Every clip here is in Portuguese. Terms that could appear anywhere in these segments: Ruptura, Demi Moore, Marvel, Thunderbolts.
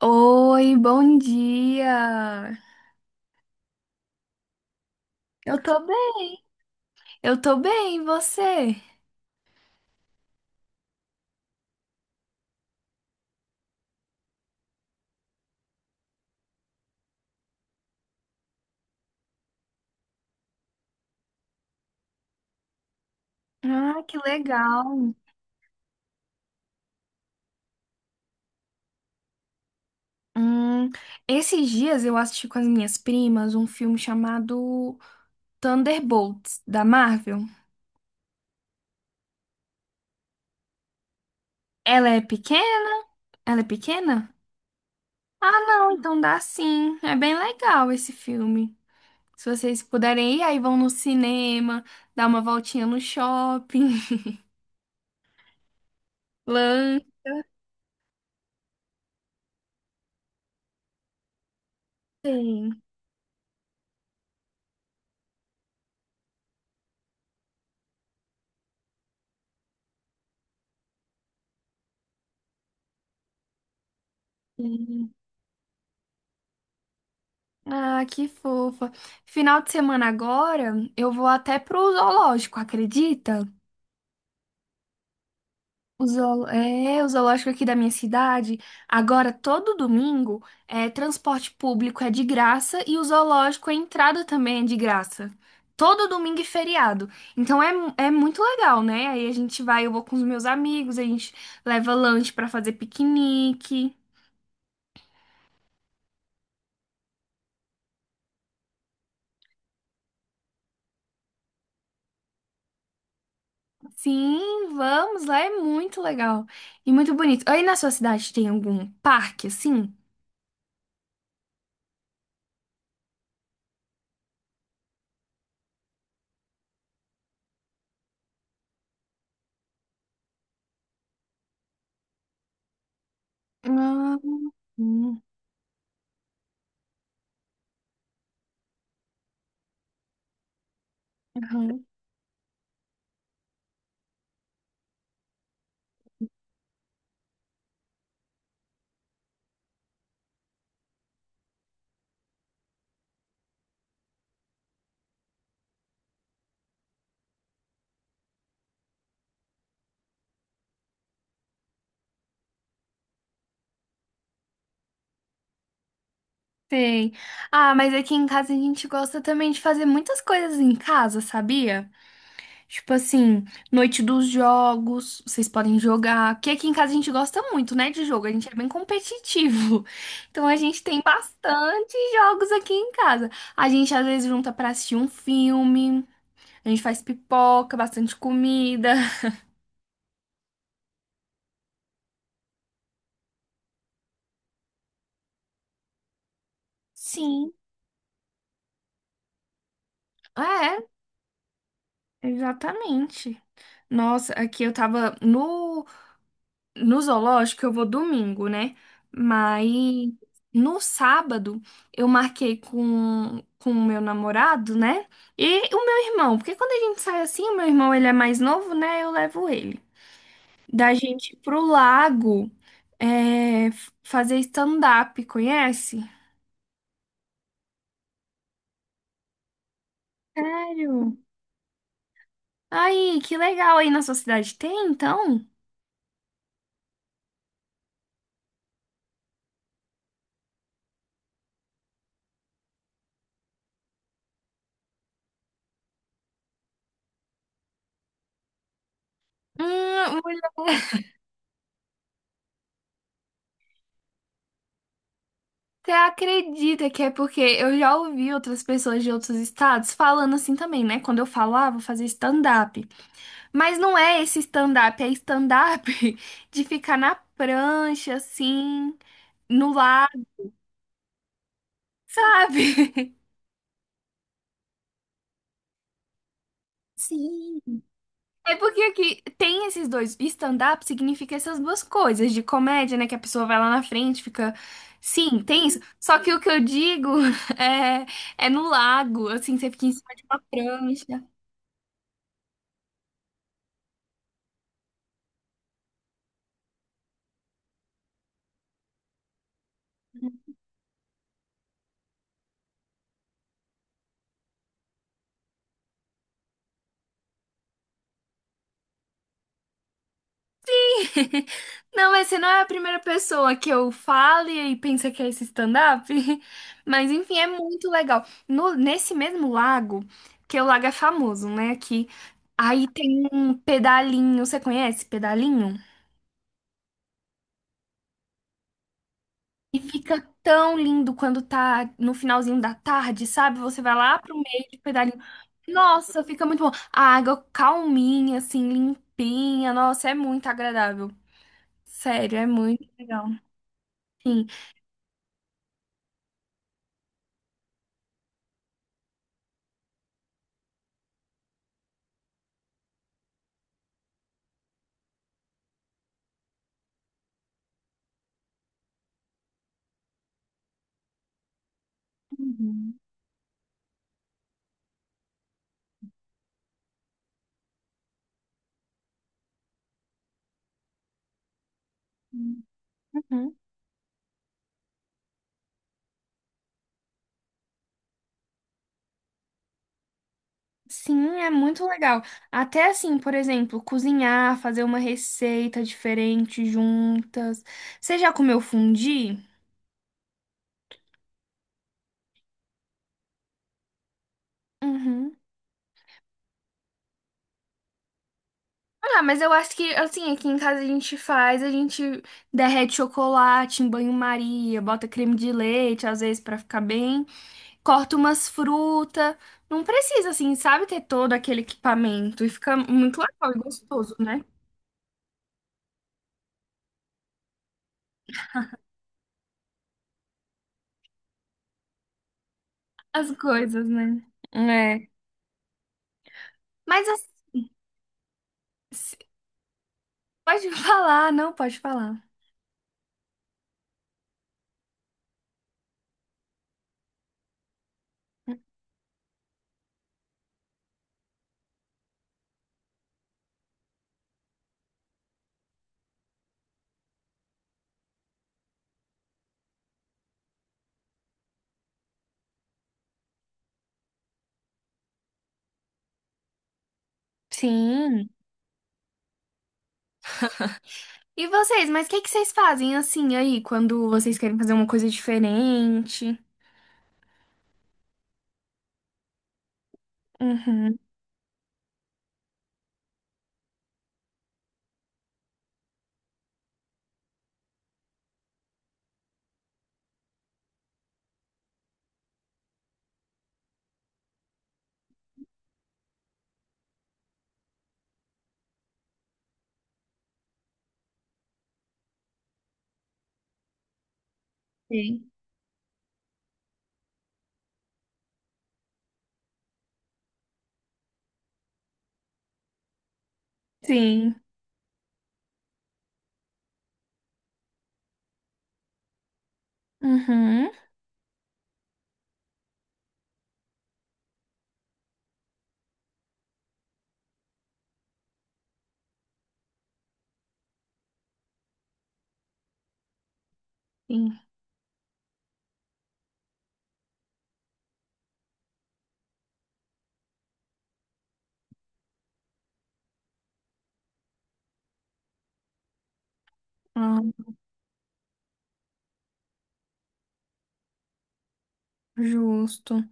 Oi, bom dia! Eu tô bem, eu tô bem, e você? Ah, que legal! Hum, esses dias eu assisti com as minhas primas um filme chamado Thunderbolts, da Marvel. Ela é pequena? Ela é pequena? Ah, não, então dá sim. É bem legal esse filme. Se vocês puderem ir, aí vão no cinema, dar uma voltinha no shopping, lancem. Ah, que fofa. Final de semana agora, eu vou até pro zoológico, acredita? É, o zoológico aqui da minha cidade. Agora, todo domingo, é, transporte público é de graça e o zoológico, a entrada também é de graça. Todo domingo e feriado. Então é muito legal, né? Aí a gente vai, eu vou com os meus amigos, a gente leva lanche pra fazer piquenique. Sim, vamos lá, é muito legal e muito bonito. Aí na sua cidade tem algum parque assim? Ah, hum, aham. Tem. Ah, mas aqui em casa a gente gosta também de fazer muitas coisas em casa, sabia? Tipo assim, noite dos jogos, vocês podem jogar. Porque aqui em casa a gente gosta muito, né, de jogo, a gente é bem competitivo. Então a gente tem bastante jogos aqui em casa. A gente às vezes junta pra assistir um filme. A gente faz pipoca, bastante comida. Sim. É, exatamente. Nossa, aqui eu tava no zoológico, eu vou domingo, né? Mas no sábado eu marquei com o meu namorado, né? E o meu irmão, porque quando a gente sai assim, o meu irmão ele é mais novo, né? Eu levo ele. Da gente ir pro lago é, fazer stand-up, conhece? Sério? Ai, que legal aí na sua cidade tem, então? Mulher, você acredita que é porque eu já ouvi outras pessoas de outros estados falando assim também, né? Quando eu falava, vou fazer stand-up. Mas não é esse stand-up, é stand-up de ficar na prancha, assim, no lago, sabe? Sim. É porque aqui tem esses dois. Stand-up significa essas duas coisas, de comédia, né? Que a pessoa vai lá na frente, fica. Sim, tem isso. Só que o que eu digo é, é no lago, assim, você fica em cima de uma prancha. Não, mas você não é a primeira pessoa que eu falo e aí pensa que é esse stand-up. Mas enfim, é muito legal. Nesse mesmo lago, que é o lago é famoso, né? Aqui, aí tem um pedalinho. Você conhece pedalinho? E fica tão lindo quando tá no finalzinho da tarde, sabe? Você vai lá pro meio de pedalinho. Nossa, fica muito bom. A água calminha, assim, limpinha. Nossa, é muito agradável. Sério, é muito legal. Sim. Uhum. Uhum. Sim, é muito legal. Até assim, por exemplo, cozinhar, fazer uma receita diferente juntas. Você já comeu fondue? Uhum. Ah, mas eu acho que, assim, aqui em casa a gente faz, a gente derrete chocolate em banho-maria, bota creme de leite, às vezes, pra ficar bem, corta umas frutas. Não precisa, assim, sabe, ter todo aquele equipamento. E fica muito legal e gostoso, né? As coisas, né? É. Mas, assim, pode falar, não pode falar. Sim. E vocês, mas o que que vocês fazem, assim, aí, quando vocês querem fazer uma coisa diferente? Uhum. Sim. Sim. Uhum. Sim, ah, justo.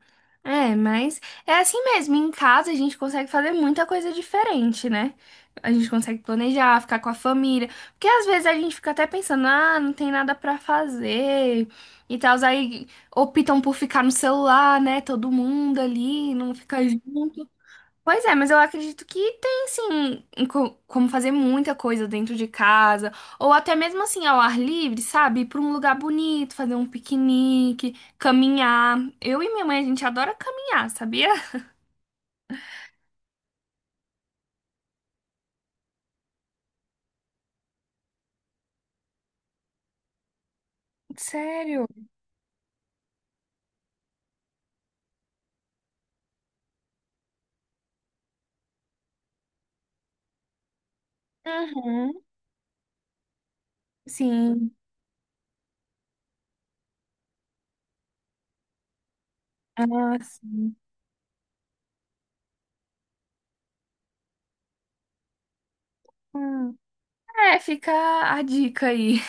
É, mas é assim mesmo. Em casa a gente consegue fazer muita coisa diferente, né? A gente consegue planejar, ficar com a família. Porque às vezes a gente fica até pensando, ah, não tem nada pra fazer e tal. Aí optam por ficar no celular, né? Todo mundo ali, não fica junto. Pois é, mas eu acredito que tem sim em como fazer muita coisa dentro de casa, ou até mesmo assim ao ar livre, sabe? Ir pra um lugar bonito, fazer um piquenique, caminhar. Eu e minha mãe, a gente adora caminhar, sabia? Sério? Uhum. Sim. Ah, sim. Hum. É, fica a dica aí.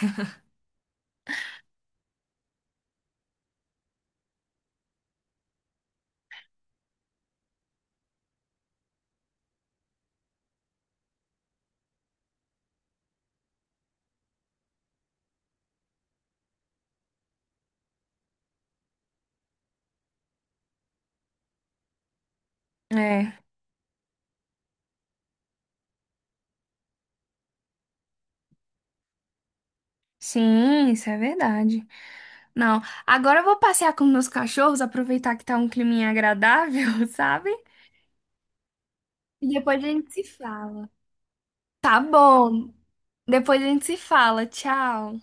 É, sim, isso é verdade. Não, agora eu vou passear com meus cachorros, aproveitar que tá um climinha agradável, sabe? E depois a gente se fala. Tá bom. Depois a gente se fala. Tchau.